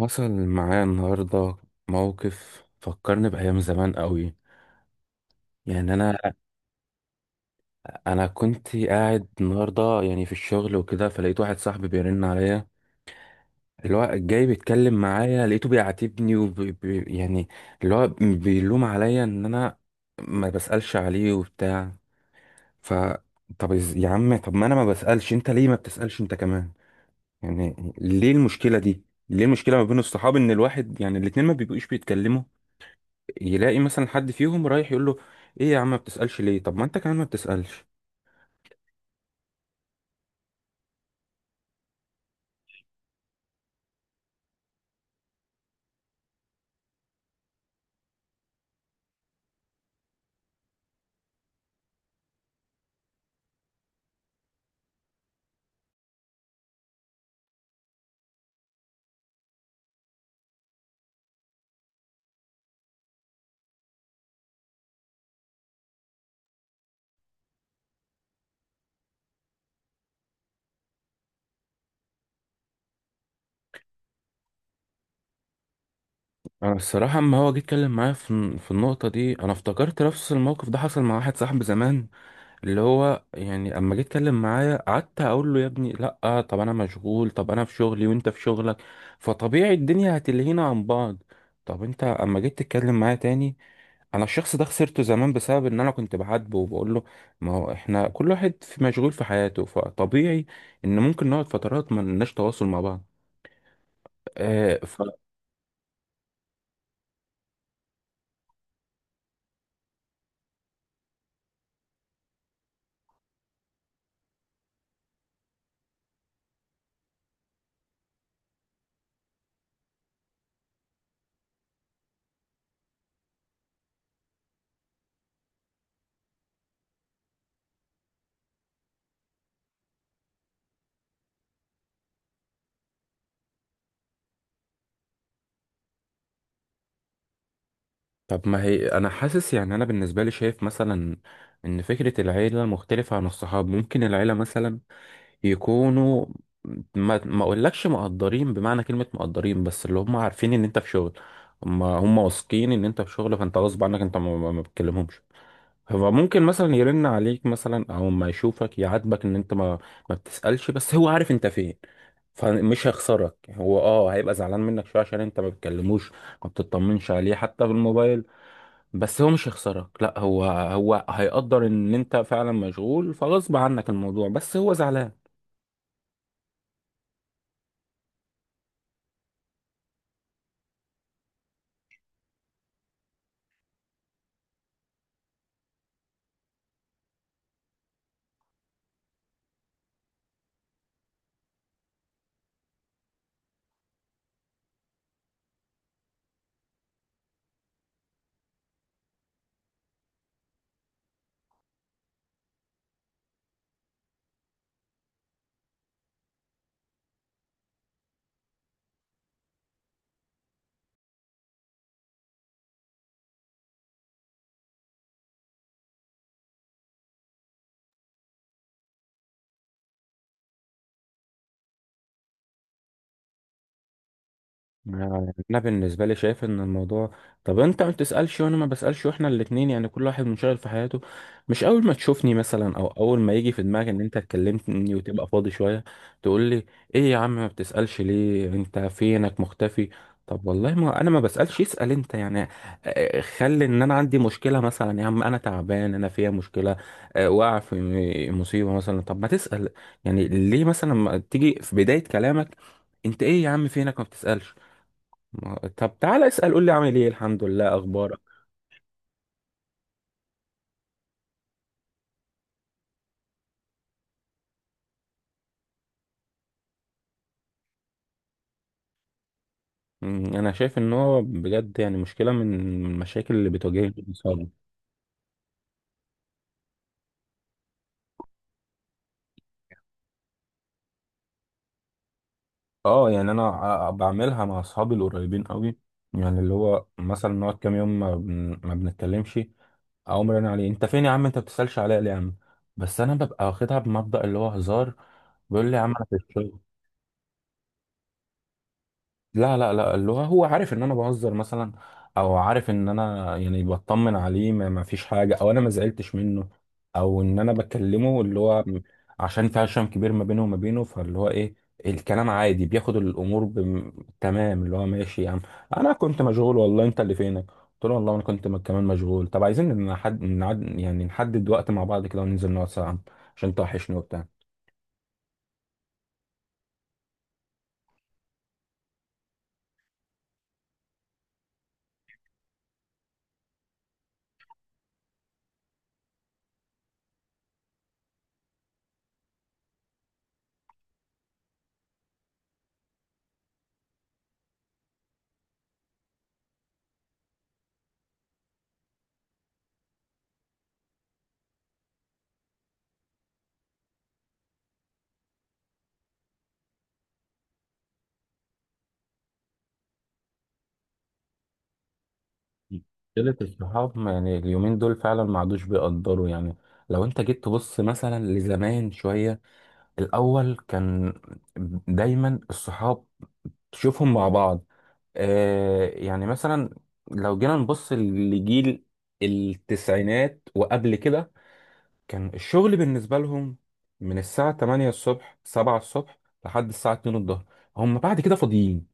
حصل معايا النهاردة موقف فكرني بأيام زمان قوي. أنا كنت قاعد النهاردة في الشغل وكده، فلقيت واحد صاحبي بيرن عليا. اللي هو جاي بيتكلم معايا، لقيته بيعاتبني وبي بي- يعني اللي هو بيلوم عليا إن أنا ما بسألش عليه وبتاع. ف يا عم، طب ما أنا ما بسألش، أنت ليه ما بتسألش أنت كمان؟ يعني ليه المشكلة دي؟ ليه المشكلة ما بين الصحاب، إن الواحد، يعني الاتنين، ما بيبقوش بيتكلموا، يلاقي مثلا حد فيهم رايح يقول له: ايه يا عم ما بتسألش ليه؟ طب ما انت كمان ما بتسألش. انا الصراحة اما هو جه اتكلم معايا في النقطة دي، انا افتكرت نفس الموقف ده حصل مع واحد صاحبي زمان، اللي هو يعني اما جه اتكلم معايا، قعدت اقول له: يا ابني لا، طب انا مشغول، طب انا في شغلي وانت في شغلك، فطبيعي الدنيا هتلهينا عن بعض. طب انت اما جيت تتكلم معايا تاني، انا الشخص ده خسرته زمان بسبب ان انا كنت بعاتبه وبقول له: ما هو احنا كل واحد في مشغول في حياته، فطبيعي ان ممكن نقعد فترات ما لناش تواصل مع بعض. آه ف... طب ما هي انا حاسس، يعني انا بالنسبه لي شايف مثلا ان فكره العيله مختلفه عن الصحاب. ممكن العيله مثلا يكونوا ما اقولكش مقدرين بمعنى كلمه مقدرين، بس اللي هم عارفين ان انت في شغل. هم واثقين ان انت في شغل، فانت غصب عنك انت ما بتكلمهمش. هو ممكن مثلا يرن عليك مثلا، او ما يشوفك يعاتبك ان انت ما بتسألش، بس هو عارف انت فين، فمش هيخسرك. هو اه هيبقى زعلان منك شويه عشان انت ما بتكلموش، ما بتطمنش عليه حتى بالموبايل، بس هو مش هيخسرك لا. هو هيقدر ان انت فعلا مشغول، فغصب عنك الموضوع، بس هو زعلان. انا بالنسبه لي شايف ان الموضوع، طب انت ما بتسالش وانا ما بسالش، واحنا الاتنين يعني كل واحد منشغل في حياته، مش اول ما تشوفني مثلا، او اول ما يجي في دماغك ان انت اتكلمتني وتبقى فاضي شويه، تقول لي: ايه يا عم ما بتسالش ليه، انت فينك مختفي؟ طب والله ما انا ما بسالش، اسال انت يعني. آه، خلي ان انا عندي مشكله مثلا، يا عم انا تعبان انا فيها مشكله، آه، واقع في مصيبه مثلا، طب ما تسال. يعني ليه مثلا ما تيجي في بدايه كلامك انت: ايه يا عم فينك ما بتسالش؟ طب تعالى اسأل، قول لي عامل ايه، الحمد لله اخبارك. مم، انا شايف ان هو بجد يعني مشكله من من المشاكل اللي بتواجهني في اصحابي. اه يعني انا بعملها مع اصحابي القريبين قوي. يعني اللي هو مثلا نقعد كام يوم ما بنتكلمش، اقوم رن عليه: انت فين يا عم، انت ما بتسالش عليا ليه يا عم؟ بس انا ببقى واخدها بمبدأ اللي هو هزار، بيقول لي: يا عم انا في الشغل. لا لا لا، اللغة هو عارف ان انا بهزر مثلا، او عارف ان انا يعني بطمن عليه، ما فيش حاجة، او انا ما زعلتش منه، او ان انا بكلمه، اللي هو عشان في عشم كبير ما بينه وما بينه، فاللي هو ايه، الكلام عادي، بياخد الامور تمام، اللي هو ماشي يا عم انا كنت مشغول والله، انت اللي فينك. قلت له: والله انا كنت كمان مشغول، طب عايزين يعني نحدد وقت مع بعض كده، وننزل نقعد ساعة عشان توحشني وبتاع. مشكلة الصحاب يعني اليومين دول فعلا ما عادوش بيقدروا يعني. لو انت جيت تبص مثلا لزمان شوية، الأول كان دايما الصحاب تشوفهم مع بعض. آه يعني مثلا لو جينا نبص لجيل التسعينات وقبل كده، كان الشغل بالنسبة لهم من الساعة 8 الصبح، 7 الصبح، لحد الساعة 2 الظهر، هم بعد كده فاضيين.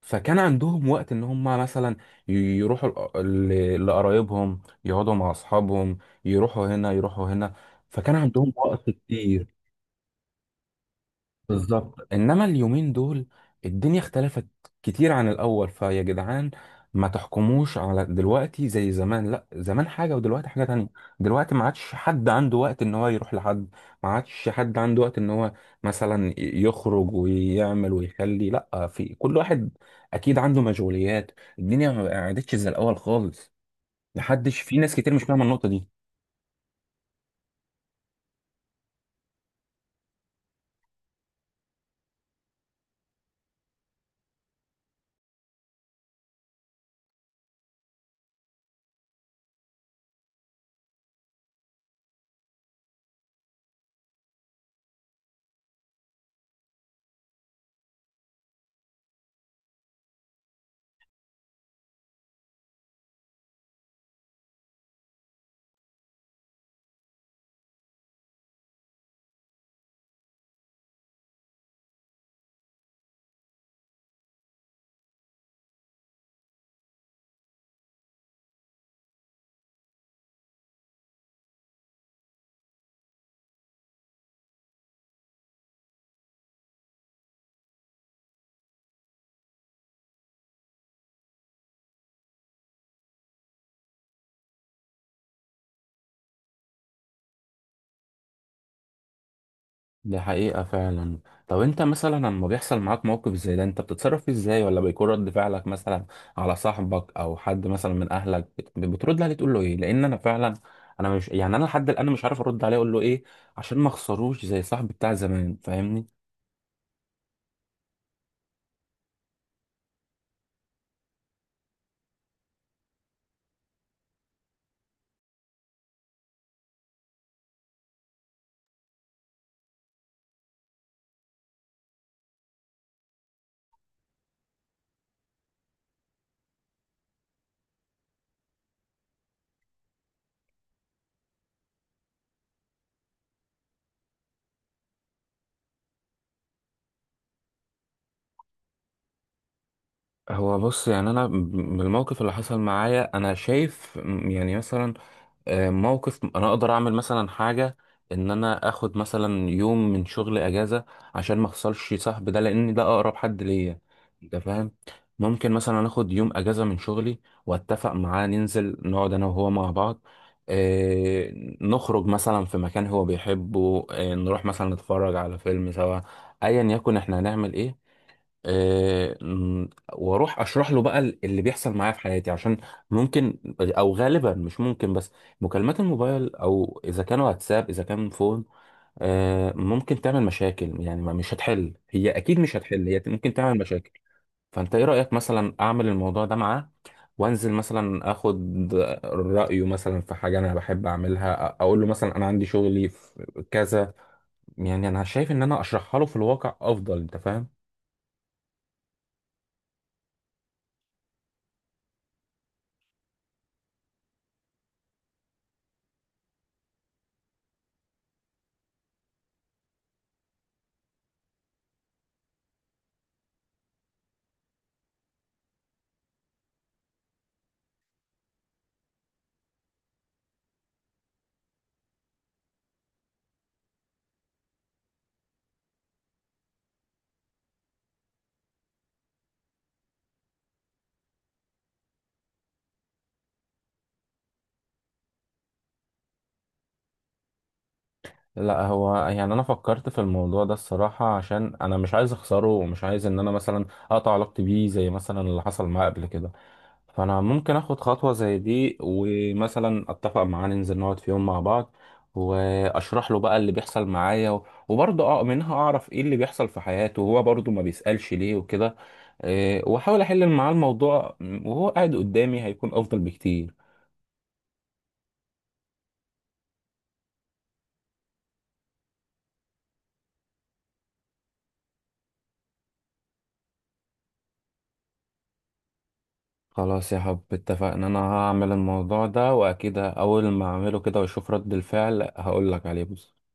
فكان عندهم وقت ان هم مثلا يروحوا لقرايبهم، يقعدوا مع اصحابهم، يروحوا هنا يروحوا هنا، فكان عندهم وقت كتير. بالظبط. انما اليومين دول الدنيا اختلفت كتير عن الاول. فيا جدعان ما تحكموش على دلوقتي زي زمان، لا، زمان حاجه ودلوقتي حاجه تانية. دلوقتي ما عادش حد عنده وقت ان هو يروح لحد، ما عادش حد عنده وقت ان هو مثلا يخرج ويعمل ويخلي. لا، في كل واحد اكيد عنده مشغوليات، الدنيا ما عادتش زي الاول خالص. محدش، في ناس كتير مش فاهمه النقطه دي. دي حقيقة فعلا. طب انت مثلا لما بيحصل معاك موقف زي ده انت بتتصرف فيه ازاي، ولا بيكون رد فعلك مثلا على صاحبك او حد مثلا من اهلك، بترد عليه تقول له ايه؟ لان انا فعلا، انا مش يعني انا لحد الان مش عارف ارد عليه اقول له ايه، عشان ما اخسروش زي صاحبي بتاع زمان، فاهمني؟ هو بص، يعني انا بالموقف اللي حصل معايا انا شايف يعني مثلا آه، موقف انا اقدر اعمل مثلا حاجه، ان انا اخد مثلا يوم من شغل اجازه عشان ما اخسرش صاحبي ده، لان ده اقرب حد ليا، انت فاهم. ممكن مثلا اخد يوم اجازه من شغلي، واتفق معاه ننزل نقعد انا وهو مع بعض. آه، نخرج مثلا في مكان هو بيحبه، آه، نروح مثلا نتفرج على فيلم سوا، ايا يكن احنا هنعمل ايه، آه، واروح اشرح له بقى اللي بيحصل معايا في حياتي، عشان ممكن، او غالبا مش ممكن، بس مكالمات الموبايل او اذا كان واتساب اذا كان فون، آه، ممكن تعمل مشاكل، يعني مش هتحل هي، اكيد مش هتحل هي، ممكن تعمل مشاكل. فانت ايه رأيك مثلا اعمل الموضوع ده معاه، وانزل مثلا اخد رأيه مثلا في حاجة انا بحب اعملها، اقول له مثلا انا عندي شغلي في كذا. يعني انا شايف ان انا اشرحها له في الواقع افضل، انت فاهم. لا، هو يعني انا فكرت في الموضوع ده الصراحة عشان انا مش عايز اخسره، ومش عايز ان انا مثلا اقطع علاقتي بيه زي مثلا اللي حصل معاه قبل كده. فانا ممكن اخد خطوة زي دي، ومثلا اتفق معاه ننزل نقعد في يوم مع بعض، واشرح له بقى اللي بيحصل معايا، وبرضه اه منها اعرف ايه اللي بيحصل في حياته، وهو برضه ما بيسألش ليه وكده. إيه، واحاول احل معاه الموضوع، وهو قاعد قدامي هيكون افضل بكتير. خلاص يا حب اتفقنا، انا هعمل الموضوع ده، واكيد اول ما اعمله كده واشوف رد الفعل هقول لك عليه بس.